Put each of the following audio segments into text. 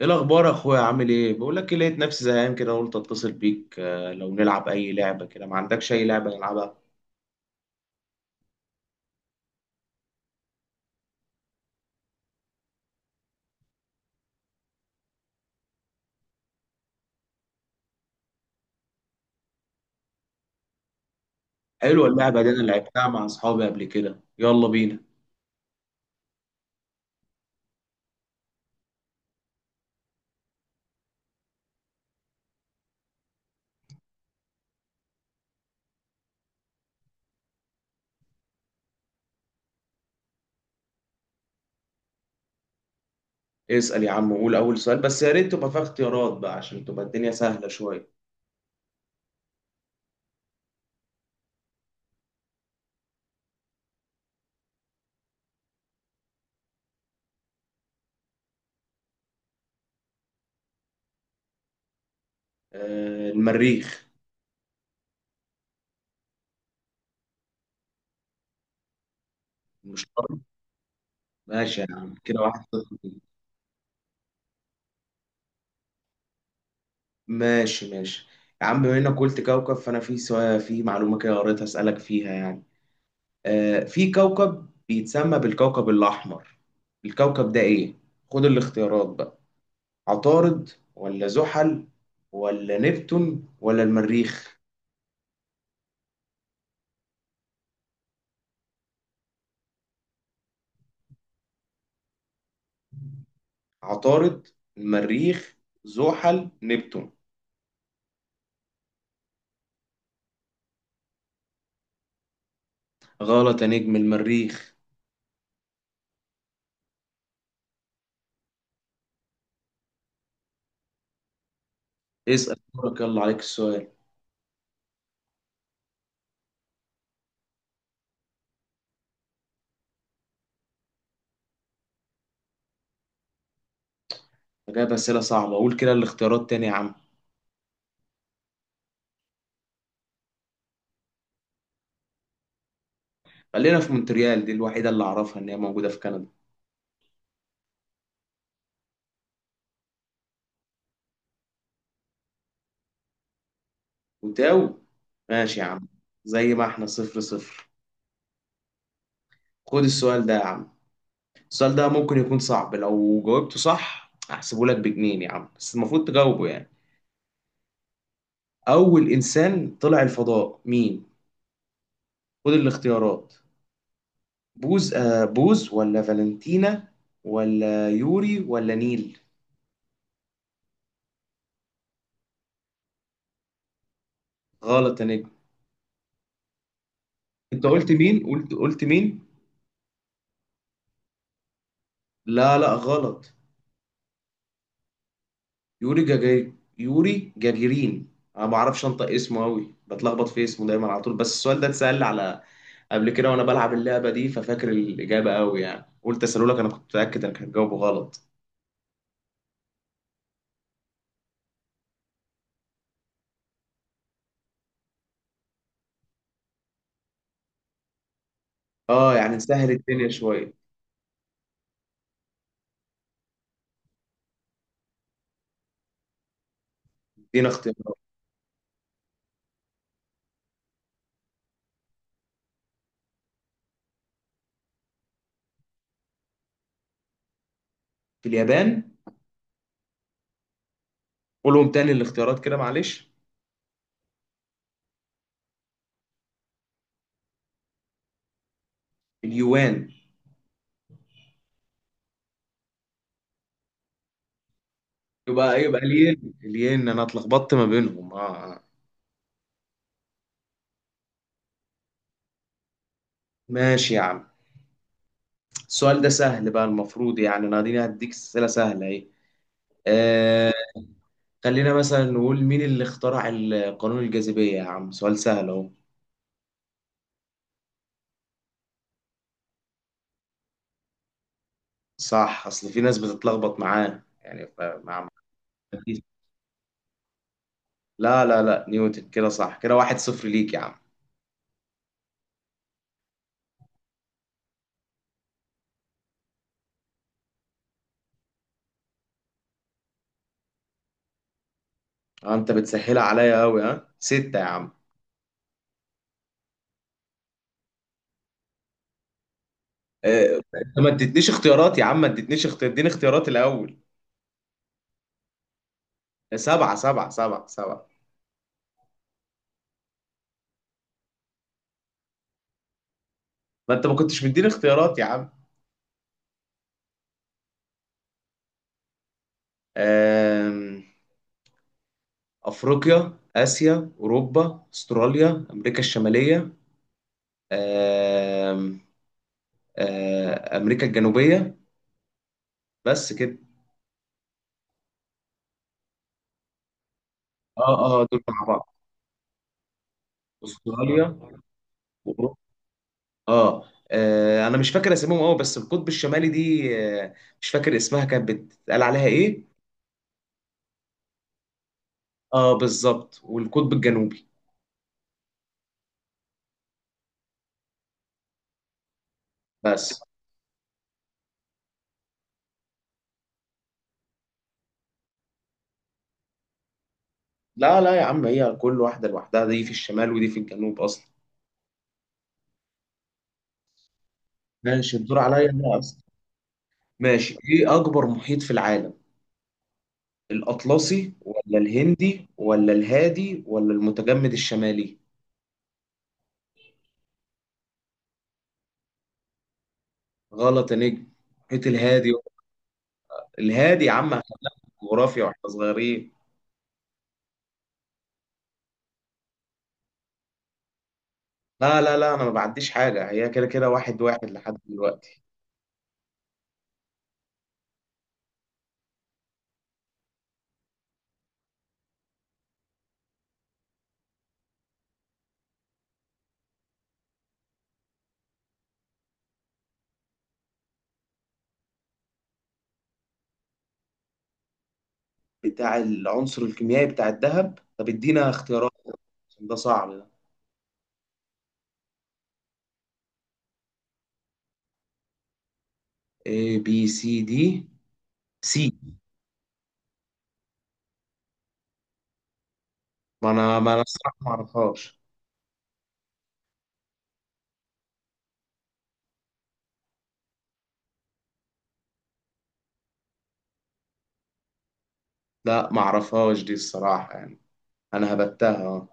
ايه الاخبار يا اخويا؟ عامل ايه؟ بقول لك إيه، لقيت نفسي زهقان كده قلت اتصل بيك. لو نلعب اي لعبه كده، ما عندكش اي لعبه نلعبها؟ حلوه اللعبه دي، انا لعبتها مع اصحابي قبل كده، يلا بينا. اسال يا عم وقول اول سؤال، بس يا ريت تبقى فيها اختيارات بقى عشان تبقى الدنيا سهله شويه. المريخ. مش شرط. ماشي يا عم، كده 1-0 ليك. ماشي، ماشي، يا عم، بما انك قلت كوكب فانا في سؤال، في معلومه كده قريتها اسالك فيها يعني. في كوكب بيتسمى بالكوكب الأحمر، الكوكب ده إيه؟ خد الاختيارات بقى. عطارد ولا زحل ولا نبتون ولا المريخ؟ عطارد، المريخ، زحل، نبتون. غلط يا نجم، المريخ. اسأل دورك، يلا عليك السؤال. أنا جايب أسئلة صعبة، أقول كده الاختيارات تاني يا عم. خلينا في مونتريال، دي الوحيدة اللي أعرفها إن هي موجودة في كندا. وتاو، ماشي يا عم. زي ما احنا 0-0. خد السؤال ده يا عم. السؤال ده ممكن يكون صعب، لو جاوبته صح هحسبه لك بجنين يا عم، بس المفروض تجاوبه يعني. أول إنسان طلع الفضاء مين؟ خد الاختيارات. بوز، بوز ولا فالنتينا، ولا يوري ولا نيل؟ غلط يا نجم. أنت قلت مين؟ قلت مين؟ لا، لا، غلط. يوري جاجي، يوري جاجيرين. أنا ما بعرفش أنطق اسمه أوي، بتلخبط في اسمه دايما على طول، بس السؤال ده اتسأل على قبل كده وانا بلعب اللعبه دي ففاكر الاجابه قوي يعني، قلت اسالهولك، انا كنت متاكد انك هتجاوبه غلط. اه يعني نسهل الدنيا شويه. ادينا اختيارات. في اليابان. قولهم تاني الاختيارات كده معلش. اليوان. يبقى إيه؟ يبقى الين، انا اتلخبطت ما بينهم. ماشي يا عم. السؤال ده سهل بقى، المفروض يعني انا اديني، هديك اسئله سهله اهي. آه. خلينا مثلا نقول مين اللي اخترع قانون الجاذبيه، يا عم سؤال سهل اهو. صح، اصل في ناس بتتلخبط معاه يعني فمع. لا، لا، لا، نيوتن، كده صح، كده 1-0 ليك يا عم. انت بتسهلها عليا قوي، ها ستة يا عم. انت ما اديتنيش اختيارات يا عم، ما اديتنيش اختيار، اديني اختيارات الاول. سبعة، سبعة، سبعة، سبعة. ما انت ما كنتش مديني اختيارات يا عم. آم، افريقيا، اسيا، اوروبا، استراليا، امريكا الشمالية، آم، امريكا الجنوبية، بس كده. اه، اه، دول مع بعض. استراليا. انا مش فاكر اسمهم قوي، بس القطب الشمالي دي، آه، مش فاكر اسمها كانت بتتقال عليها ايه. اه بالظبط، والقطب الجنوبي. بس. لا، لا، يا عم، هي كل واحده لوحدها، دي في الشمال ودي في الجنوب اصلا. ماشي الدور عليا انا اصلا. ماشي، ايه اكبر محيط في العالم؟ الاطلسي ولا الهندي ولا الهادي ولا المتجمد الشمالي؟ غلط يا نجم، محيط الهادي. الهادي يا عم، إحنا جغرافيا واحنا صغيرين. لا، لا، لا، انا ما بعديش حاجه، هي كده كده 1-1 لحد دلوقتي. بتاع العنصر الكيميائي بتاع الذهب، طب ادينا اختيارات، عشان ده صعب ده. A B، C D. سي. ما انا الصراحه ما اعرفهاش. لا ما اعرفهاش دي الصراحه يعني، انا هبتها أهو.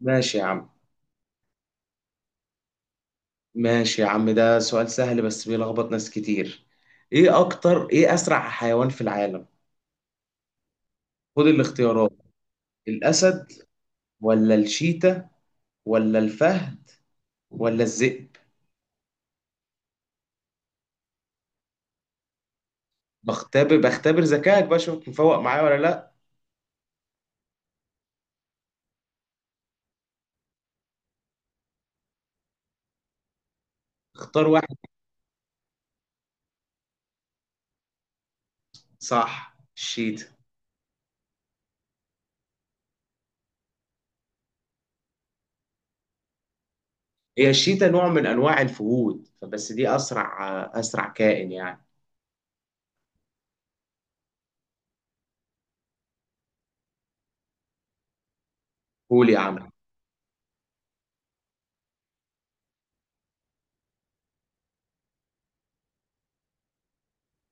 ماشي يا عم. ماشي يا عم، ده سؤال سهل بس بيلخبط ناس كتير. ايه اسرع حيوان في العالم؟ خد الاختيارات. الاسد ولا الشيتا ولا الفهد ولا الذئب؟ بختبر ذكائك بقى، اشوفك مفوق معايا ولا لا. اختار واحد. صح، الشيتا. هي الشيتا نوع من انواع الفهود فبس، دي اسرع، اسرع كائن يعني. قول يا عم.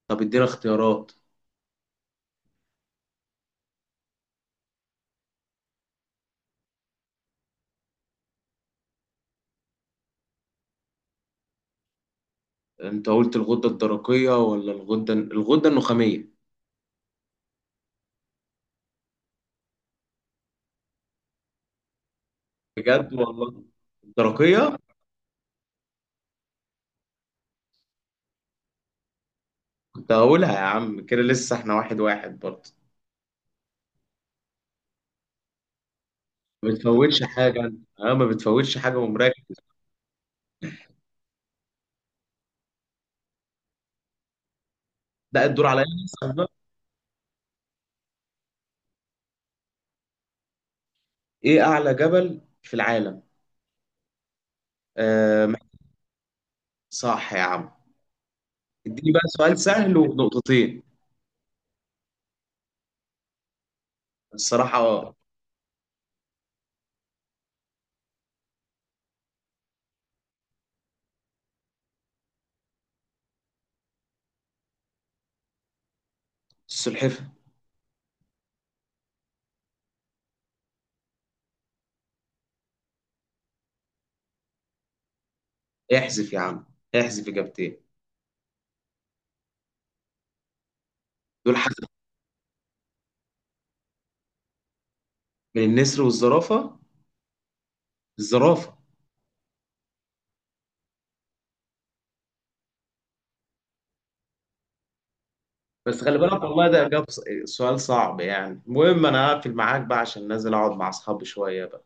طب ادينا اختيارات. انت قلت الغدة الدرقية ولا الغدة النخامية؟ بجد والله، الدرقية. كنت هقولها يا عم، كده لسه احنا 1-1 برضه. ما بتفوتش حاجة انت، اه ما بتفوتش حاجة ومراكز. ده الدور عليا لسه بقى. ايه اعلى جبل في العالم؟ آه، صح يا عم. اديني بقى سؤال سهل ونقطتين. الصراحة. السلحفة. احذف يا عم، احذف إجابتين. دول حذف. من النسر والزرافة. الزرافة. بس خلي بالك، والله ده إجابة سؤال صعب يعني، المهم أنا هقفل معاك بقى عشان نازل أقعد مع أصحابي شوية بقى.